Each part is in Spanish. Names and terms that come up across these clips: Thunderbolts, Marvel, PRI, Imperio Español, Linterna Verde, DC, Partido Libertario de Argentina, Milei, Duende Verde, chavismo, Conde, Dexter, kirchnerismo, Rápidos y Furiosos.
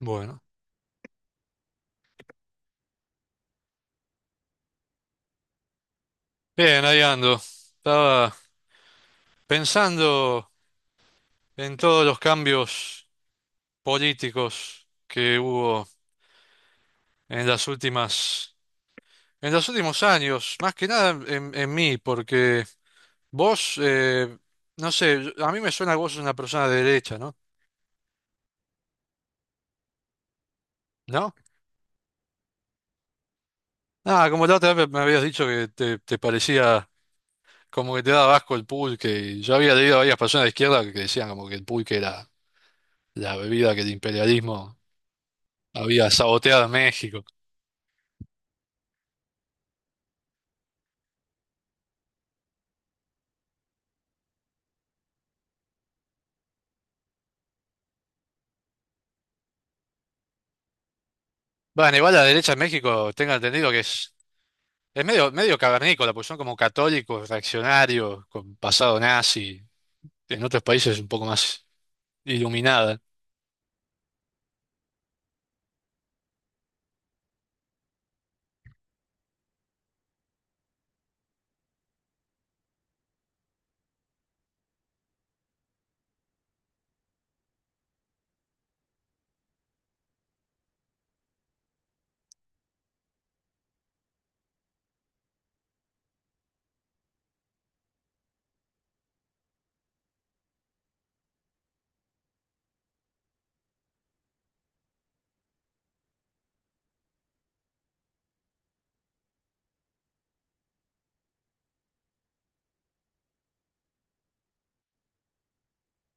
Bueno, bien, ahí ando. Estaba pensando en todos los cambios políticos que hubo en las últimas, en los últimos años, más que nada en, en mí, porque vos, no sé, a mí me suena que vos sos una persona de derecha, ¿no? ¿No? Ah, como la otra vez me habías dicho que te parecía como que te daba asco el pulque, y yo había leído a varias personas de izquierda que decían como que el pulque era la bebida que el imperialismo había saboteado en México. Bueno, igual la derecha en México, tengo entendido que es medio, medio cavernícola, pues son como católicos, reaccionarios, con pasado nazi. En otros países es un poco más iluminada.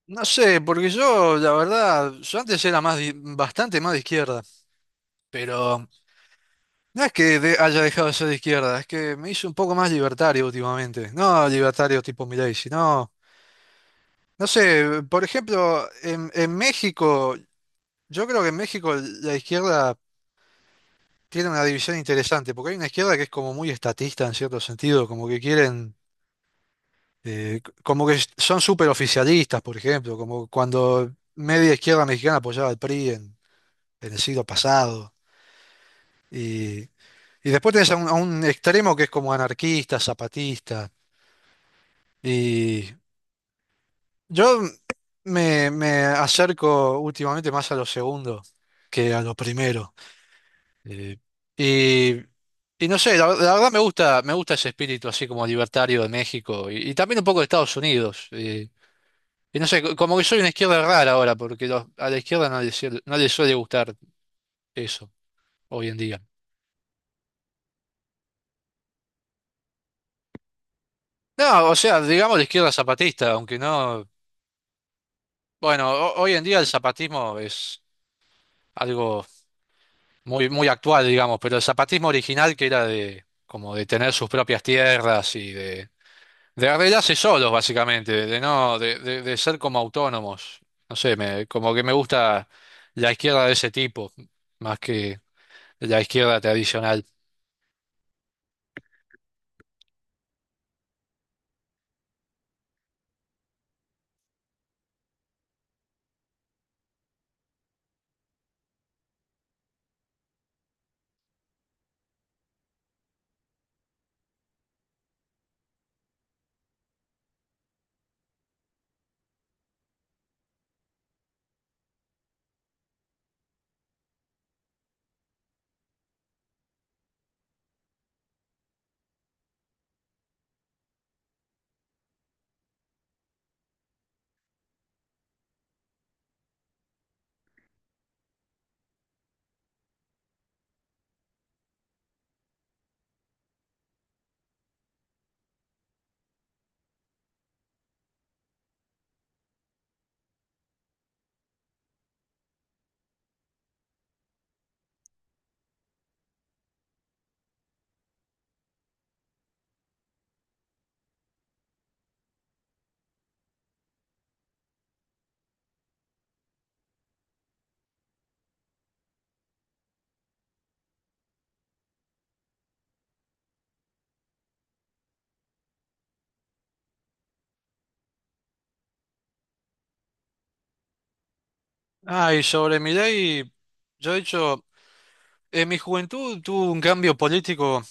No sé, porque yo, la verdad, yo antes era más bastante más de izquierda, pero no es que haya dejado de ser de izquierda, es que me hice un poco más libertario últimamente. No libertario tipo Milei, sino, no sé, por ejemplo, en México, yo creo que en México la izquierda tiene una división interesante, porque hay una izquierda que es como muy estatista en cierto sentido, como que quieren, como que son súper oficialistas, por ejemplo, como cuando media izquierda mexicana apoyaba al PRI en el siglo pasado. Y, y después tenés a un extremo que es como anarquista, zapatista. Y yo me, me acerco últimamente más a lo segundo que a lo primero. Eh, y, y no sé, la verdad me gusta ese espíritu así como libertario de México y también un poco de Estados Unidos. Y no sé, como que soy una izquierda rara ahora, porque a la izquierda no le, no le suele gustar eso hoy en día. No, o sea, digamos la izquierda zapatista, aunque no. Bueno, hoy en día el zapatismo es algo muy, muy actual, digamos, pero el zapatismo original que era de como de tener sus propias tierras y de arreglarse solos, básicamente, de no, de, de ser como autónomos. No sé, me, como que me gusta la izquierda de ese tipo, más que la izquierda tradicional. Ah, y sobre Milei, yo he hecho, en mi juventud tuvo un cambio político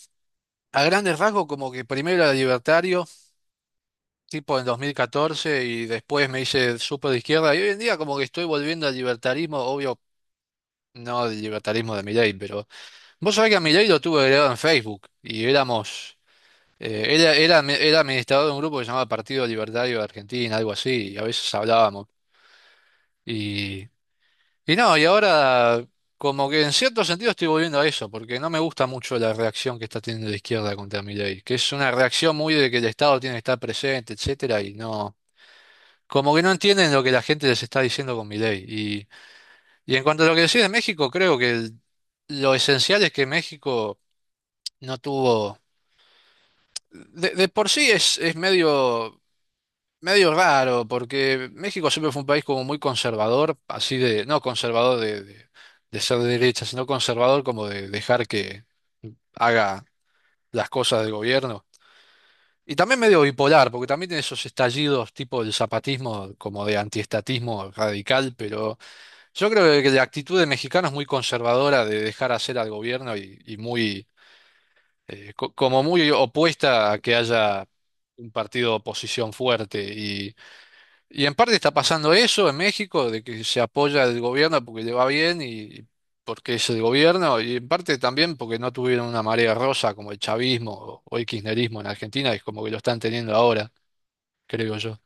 a grandes rasgos, como que primero era libertario, tipo en 2014, y después me hice súper de izquierda, y hoy en día como que estoy volviendo al libertarismo, obvio, no al libertarismo de Milei, pero vos sabés que a Milei lo tuve agregado en Facebook, y éramos él era, era, era administrador de un grupo que se llamaba Partido Libertario de Argentina, algo así, y a veces hablábamos. Y, y no, y ahora como que en cierto sentido estoy volviendo a eso, porque no me gusta mucho la reacción que está teniendo la izquierda contra ley que es una reacción muy de que el Estado tiene que estar presente, etcétera, y no, como que no entienden lo que la gente les está diciendo con Milei. Y en cuanto a lo que decís de México, creo que lo esencial es que México no tuvo... de por sí es medio. Medio raro, porque México siempre fue un país como muy conservador, así de, no conservador de ser de derecha, sino conservador como de dejar que haga las cosas del gobierno. Y también medio bipolar, porque también tiene esos estallidos tipo del zapatismo, como de antiestatismo radical, pero yo creo que la actitud de mexicano es muy conservadora de dejar hacer al gobierno y muy, como muy opuesta a que haya un partido de oposición fuerte. Y en parte está pasando eso en México, de que se apoya el gobierno porque le va bien y porque es el gobierno, y en parte también porque no tuvieron una marea rosa como el chavismo o el kirchnerismo en Argentina, es como que lo están teniendo ahora, creo yo.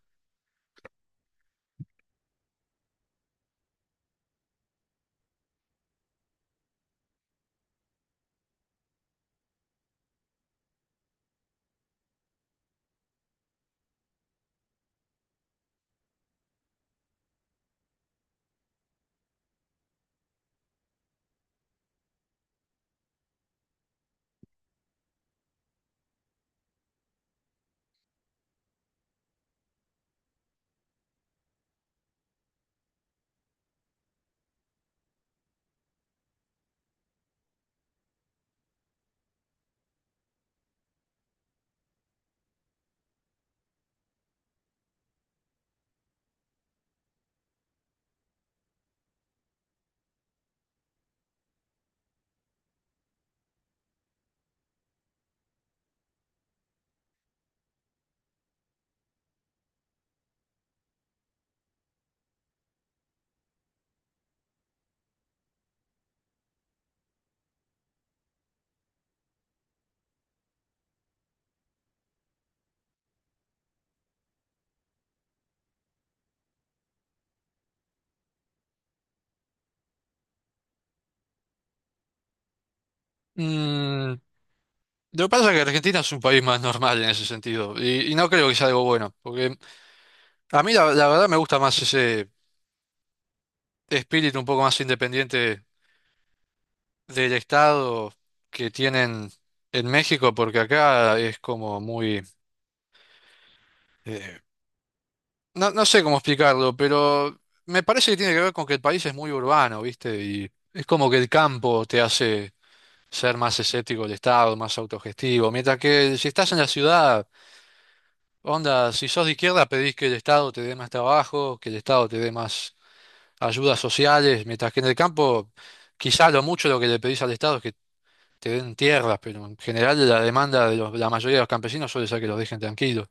Mm, lo que pasa es que Argentina es un país más normal en ese sentido, y no creo que sea algo bueno, porque a mí la, la verdad me gusta más ese espíritu un poco más independiente del Estado que tienen en México, porque acá es como muy... eh, No, no sé cómo explicarlo, pero me parece que tiene que ver con que el país es muy urbano, ¿viste? Y es como que el campo te hace ser más escéptico del Estado, más autogestivo. Mientras que si estás en la ciudad, onda, si sos de izquierda pedís que el Estado te dé más trabajo, que el Estado te dé más ayudas sociales, mientras que en el campo quizá lo mucho lo que le pedís al Estado es que te den tierras, pero en general la demanda de la mayoría de los campesinos suele ser que los dejen tranquilos.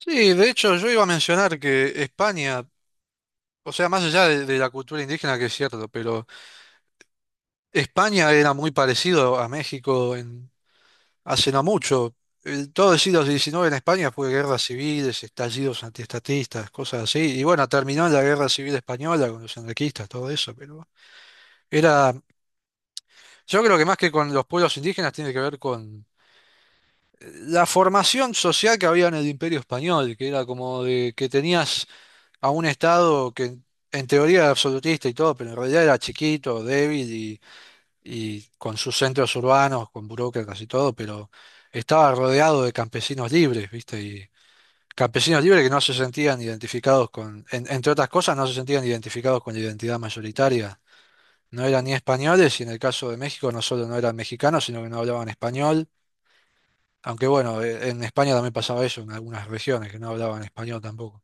Sí, de hecho yo iba a mencionar que España... O sea, más allá de la cultura indígena, que es cierto, pero España era muy parecido a México en, hace no mucho. Todo el siglo XIX en España fue guerras civiles, estallidos antiestatistas, cosas así. Y bueno, terminó en la guerra civil española con los anarquistas, todo eso. Pero era, yo creo que más que con los pueblos indígenas tiene que ver con la formación social que había en el Imperio Español, que era como de que tenías a un Estado que en teoría era absolutista y todo, pero en realidad era chiquito, débil y con sus centros urbanos, con burócratas y todo, pero estaba rodeado de campesinos libres, ¿viste? Y campesinos libres que no se sentían identificados con, entre otras cosas, no se sentían identificados con la identidad mayoritaria. No eran ni españoles y en el caso de México no solo no eran mexicanos, sino que no hablaban español. Aunque bueno, en España también pasaba eso en algunas regiones que no hablaban español tampoco.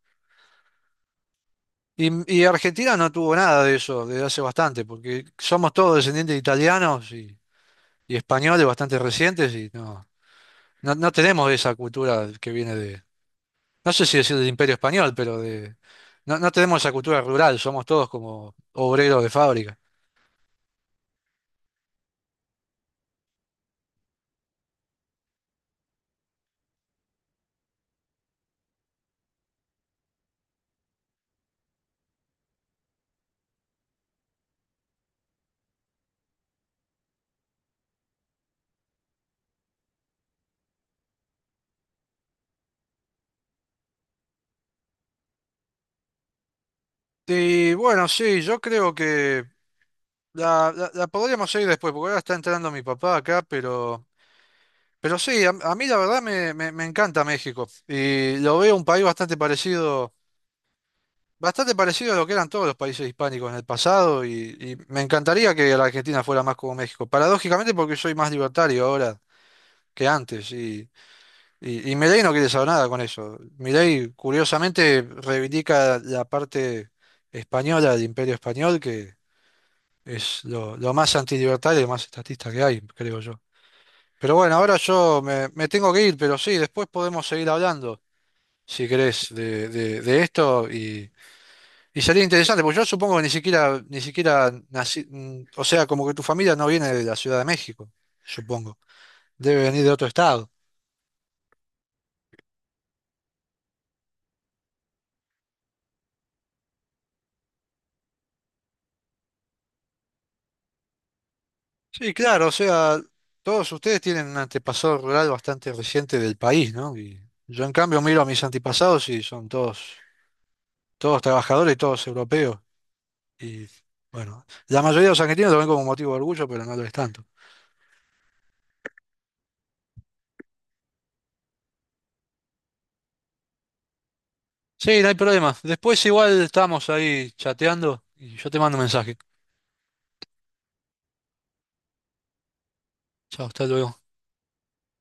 Y, y Argentina no tuvo nada de eso desde hace bastante, porque somos todos descendientes de italianos y españoles bastante recientes y no. No, no tenemos esa cultura que viene de, no sé si decir del Imperio Español, pero de, no, no tenemos esa cultura rural, somos todos como obreros de fábrica. Y bueno, sí, yo creo que la, la podríamos seguir después, porque ahora está entrando mi papá acá, pero sí, a mí la verdad me, me encanta México y lo veo un país bastante parecido a lo que eran todos los países hispánicos en el pasado y me encantaría que la Argentina fuera más como México, paradójicamente porque soy más libertario ahora que antes. Y Milei no quiere saber nada con eso. Milei, curiosamente, reivindica la parte española del Imperio Español, que es lo más antilibertario y lo más estatista que hay, creo yo. Pero bueno, ahora yo me, me tengo que ir, pero sí, después podemos seguir hablando, si querés, de, de esto. Y sería interesante, porque yo supongo que ni siquiera, ni siquiera nací, o sea, como que tu familia no viene de la Ciudad de México, supongo. Debe venir de otro estado. Sí, claro, o sea, todos ustedes tienen un antepasado rural bastante reciente del país, ¿no? Y yo en cambio miro a mis antepasados y son todos, todos trabajadores, todos europeos. Y bueno, la mayoría de los argentinos lo ven como motivo de orgullo, pero no lo es tanto. Sí, no hay problema. Después igual estamos ahí chateando y yo te mando un mensaje. Chao, hasta luego.